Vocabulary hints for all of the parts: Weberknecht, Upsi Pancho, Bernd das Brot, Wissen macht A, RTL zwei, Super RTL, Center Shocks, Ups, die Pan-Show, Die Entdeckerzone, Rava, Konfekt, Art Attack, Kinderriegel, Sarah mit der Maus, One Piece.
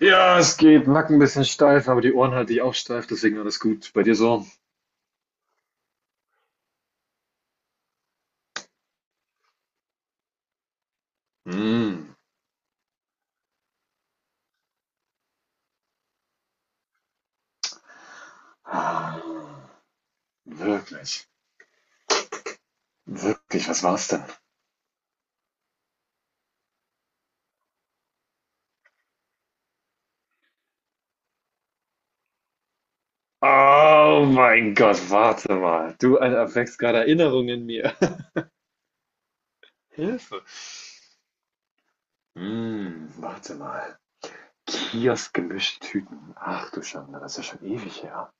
Ja, es geht. Nacken ein bisschen steif, aber die Ohren halte ich auch steif, deswegen alles gut. Bei dir so? Mm. Ah, wirklich, was war's denn? Oh mein Gott, warte mal. Du erweckst gerade Erinnerungen in mir. Hilfe. Warte mal. Kiosk gemischt Tüten. Ach du Schande, das ist ja schon ewig her.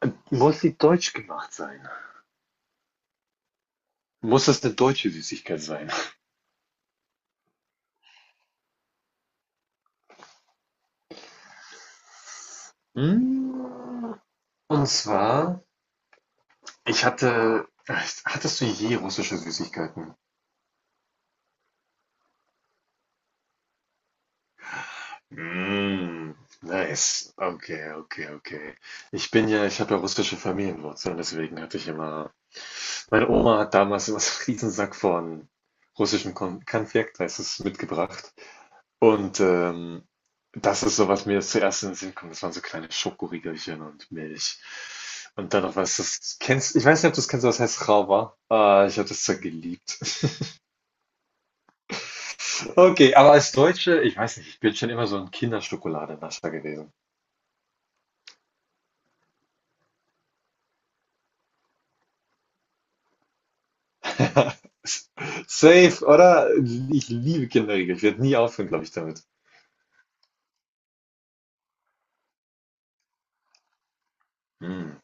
Muss sie deutsch gemacht sein? Muss das eine deutsche Süßigkeit sein? Mm. Und zwar hattest du je russische Süßigkeiten? Mm, nice. Okay. Ich habe ja russische Familienwurzeln, deswegen hatte ich immer, meine Oma hat damals immer so einen Riesensack von russischem Konfekt, heißt es, mitgebracht. Und das ist so, was mir jetzt zuerst in den Sinn kommt. Das waren so kleine Schokoriegelchen und Milch. Und dann noch was, das kennst, ich weiß nicht, ob du es kennst, aber das heißt Rava. Ah, ich habe das zwar geliebt. Okay, aber als Deutsche, ich weiß nicht, ich bin schon immer so ein Kinderschokoladenascher gewesen. Safe, oder? Ich liebe Kinderriegel. Ich werde nie aufhören, glaube ich, damit. Mm,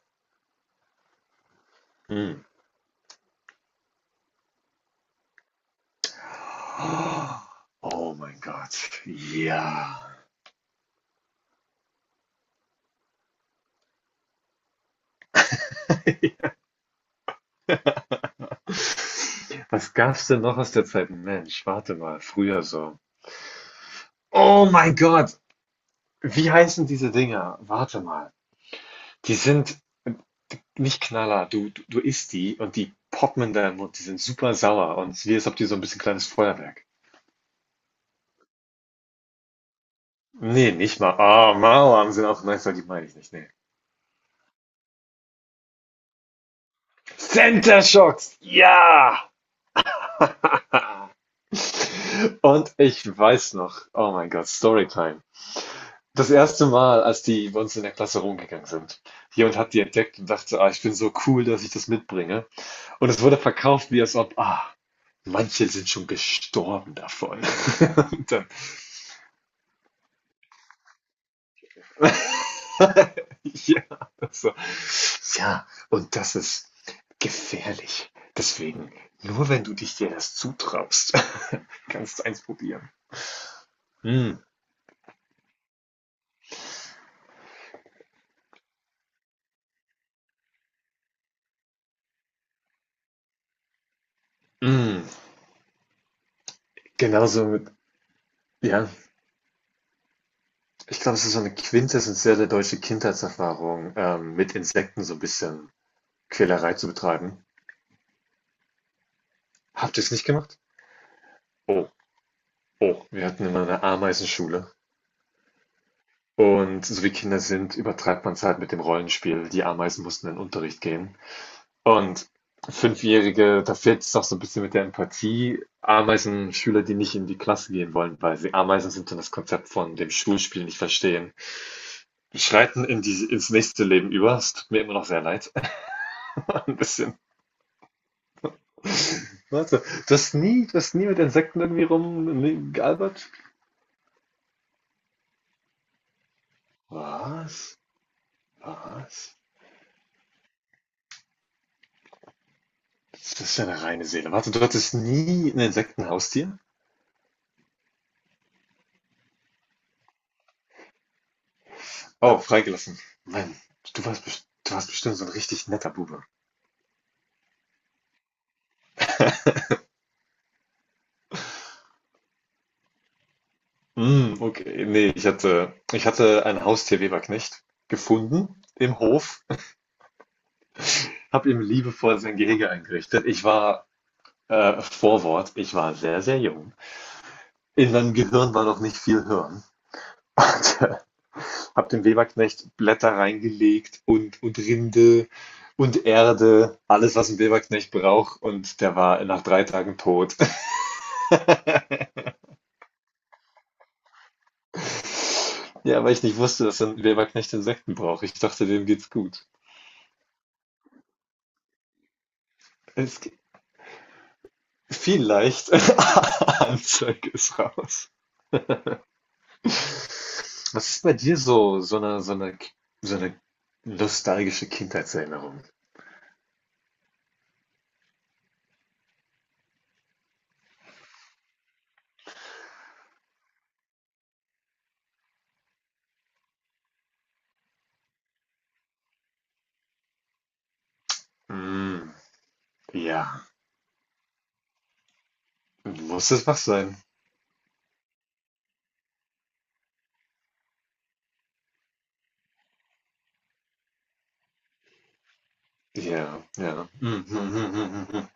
mm. Oh mein Gott. Ja. Was gab's denn noch aus der Zeit? Mensch, warte mal, früher so. Oh mein Gott. Wie heißen diese Dinger? Warte mal. Die sind nicht Knaller. Du, du isst die und die poppen in deinen Mund. Die sind super sauer und es ist wie, als ob die so ein bisschen kleines Feuerwerk. Nee, nicht mal. Ah, Mauern sind auch nice, aber die meine ich nicht. Nee. Center Shocks! Ja! Und ich weiß noch, oh mein Gott, Storytime. Das erste Mal, als die bei uns in der Klasse rumgegangen sind. Jemand hat die entdeckt und dachte, ah, ich bin so cool, dass ich das mitbringe. Und es wurde verkauft, wie als ob, ah, manche sind schon gestorben davon. Und dann ja, also, ja, und das ist gefährlich. Deswegen, nur wenn du dich dir das zutraust, kannst du eins probieren. Mm, mm. Genauso mit, ja, ich glaube, es ist so eine quintessentielle deutsche Kindheitserfahrung, mit Insekten so ein bisschen Quälerei zu betreiben. Habt ihr es nicht gemacht? Oh, oh, wir hatten immer eine Ameisenschule. Und so wie Kinder sind, übertreibt man es halt mit dem Rollenspiel. Die Ameisen mussten in den Unterricht gehen. Und Fünfjährige, da fehlt es doch so ein bisschen mit der Empathie. Ameisen-Schüler, die nicht in die Klasse gehen wollen, weil sie Ameisen sind und das Konzept von dem Schulspiel nicht verstehen, schreiten in die ins nächste Leben über. Es tut mir immer noch sehr leid, 'n bisschen. Warte, du hast nie mit Insekten irgendwie rumgealbert. Was? Was? Das ist ja eine reine Seele. Warte, du hattest nie ein Insektenhaustier? Oh, freigelassen. Mann, du warst bestimmt so ein richtig netter Bube. Hm, okay. Nee, ich hatte ein Haustier Weberknecht gefunden im Hof, habe ihm liebevoll sein Gehege eingerichtet. Ich war Vorwort, ich war sehr, sehr jung. In meinem Gehirn war noch nicht viel Hirn. Und habe dem Weberknecht Blätter reingelegt und Rinde und Erde, alles, was ein Weberknecht braucht. Und der war nach 3 Tagen tot. Ja, weil ich nicht wusste, dass ein Weberknecht Insekten braucht. Ich dachte, dem geht's gut. Es Vielleicht. Anzeige ist raus. Was ist bei dir so, so eine nostalgische Kindheitserinnerung? Mm, ja, muss es was sein? Ja, ja.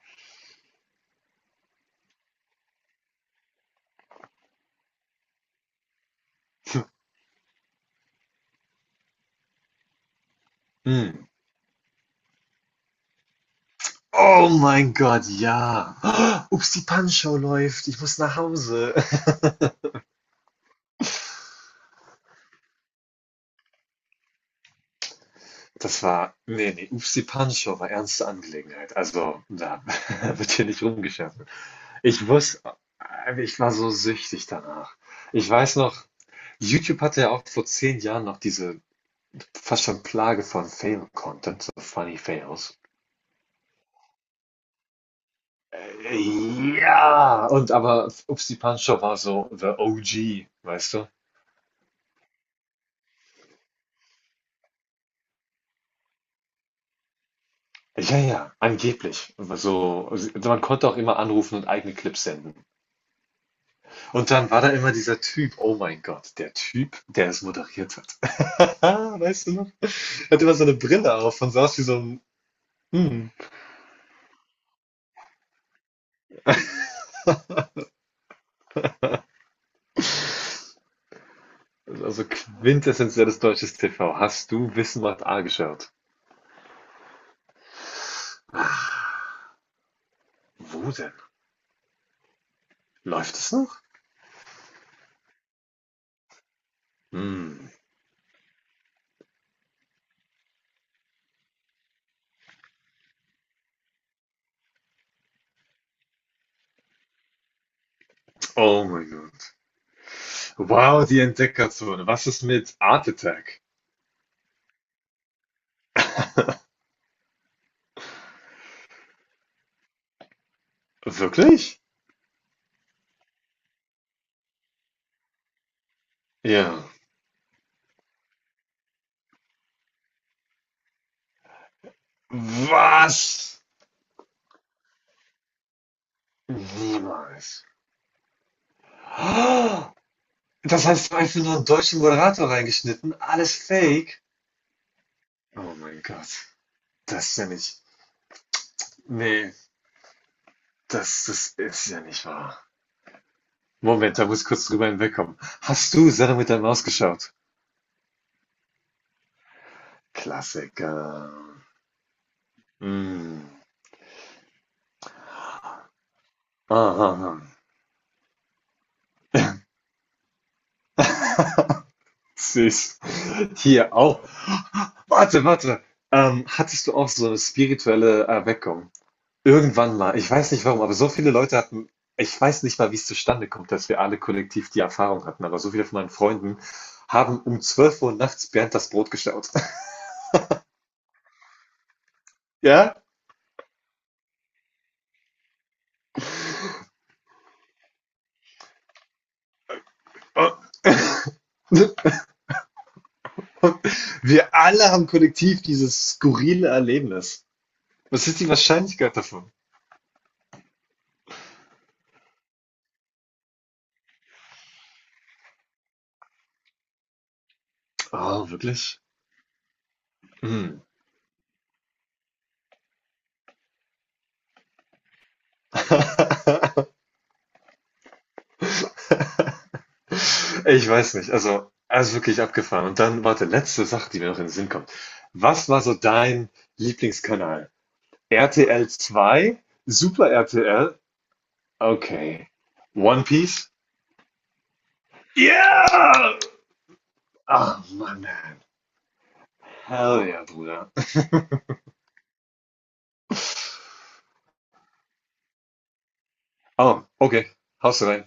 mm, mm. Oh mein Gott, ja. Oh, Ups, die Pan-Show läuft. Ich muss nach Hause. Das war, nee, Ups, die Pan-Show war ernste Angelegenheit. Also, da wird hier nicht rumgeschafft. Ich wusste, ich war so süchtig danach. Ich weiß noch, YouTube hatte ja auch vor 10 Jahren noch diese fast schon Plage von Fail-Content, so Funny Fails. Ja, und aber Upsi Pancho war so the OG, weißt du? Ja, ja, angeblich. So, also man konnte auch immer anrufen und eigene Clips senden. Und dann war da immer dieser Typ, oh mein Gott, der Typ, der es moderiert hat. Ah, weißt du noch? Er hatte immer so eine Brille auf und saß wie so ein, mm, also quintessentielles deutsches TV. Hast du Wissen macht A geschaut? Wo denn? Läuft es noch? Hm. Oh mein Gott. Wow, die Entdeckerzone. Was ist mit Art Attack? Wirklich? Ja. Was? Niemals. Ah, das heißt, einfach nur einen deutschen Moderator reingeschnitten. Alles fake. Oh mein Gott. Das ist ja nicht. Nee, das ist ja nicht wahr. Moment, da muss ich kurz drüber hinwegkommen. Hast du Sarah mit der Maus geschaut? Klassiker. Hm. Aha. Süß. Hier auch. Warte. Hattest du auch so eine spirituelle Erweckung? Irgendwann mal. Ich weiß nicht warum, aber so viele Leute hatten, ich weiß nicht mal, wie es zustande kommt, dass wir alle kollektiv die Erfahrung hatten, aber so viele von meinen Freunden haben um 12 Uhr nachts Bernd das Brot gestaut. Ja? Und wir alle haben kollektiv dieses skurrile Erlebnis. Was ist die Wahrscheinlichkeit davon? Oh, wirklich? Hm. Ich weiß nicht. Also wirklich abgefahren. Und dann, warte, letzte Sache, die mir noch in den Sinn kommt. Was war so dein Lieblingskanal? RTL 2? Super RTL? Okay. One Piece? Yeah! Oh Mann, man. Hell yeah, Bruder. Oh, okay. Haust du rein.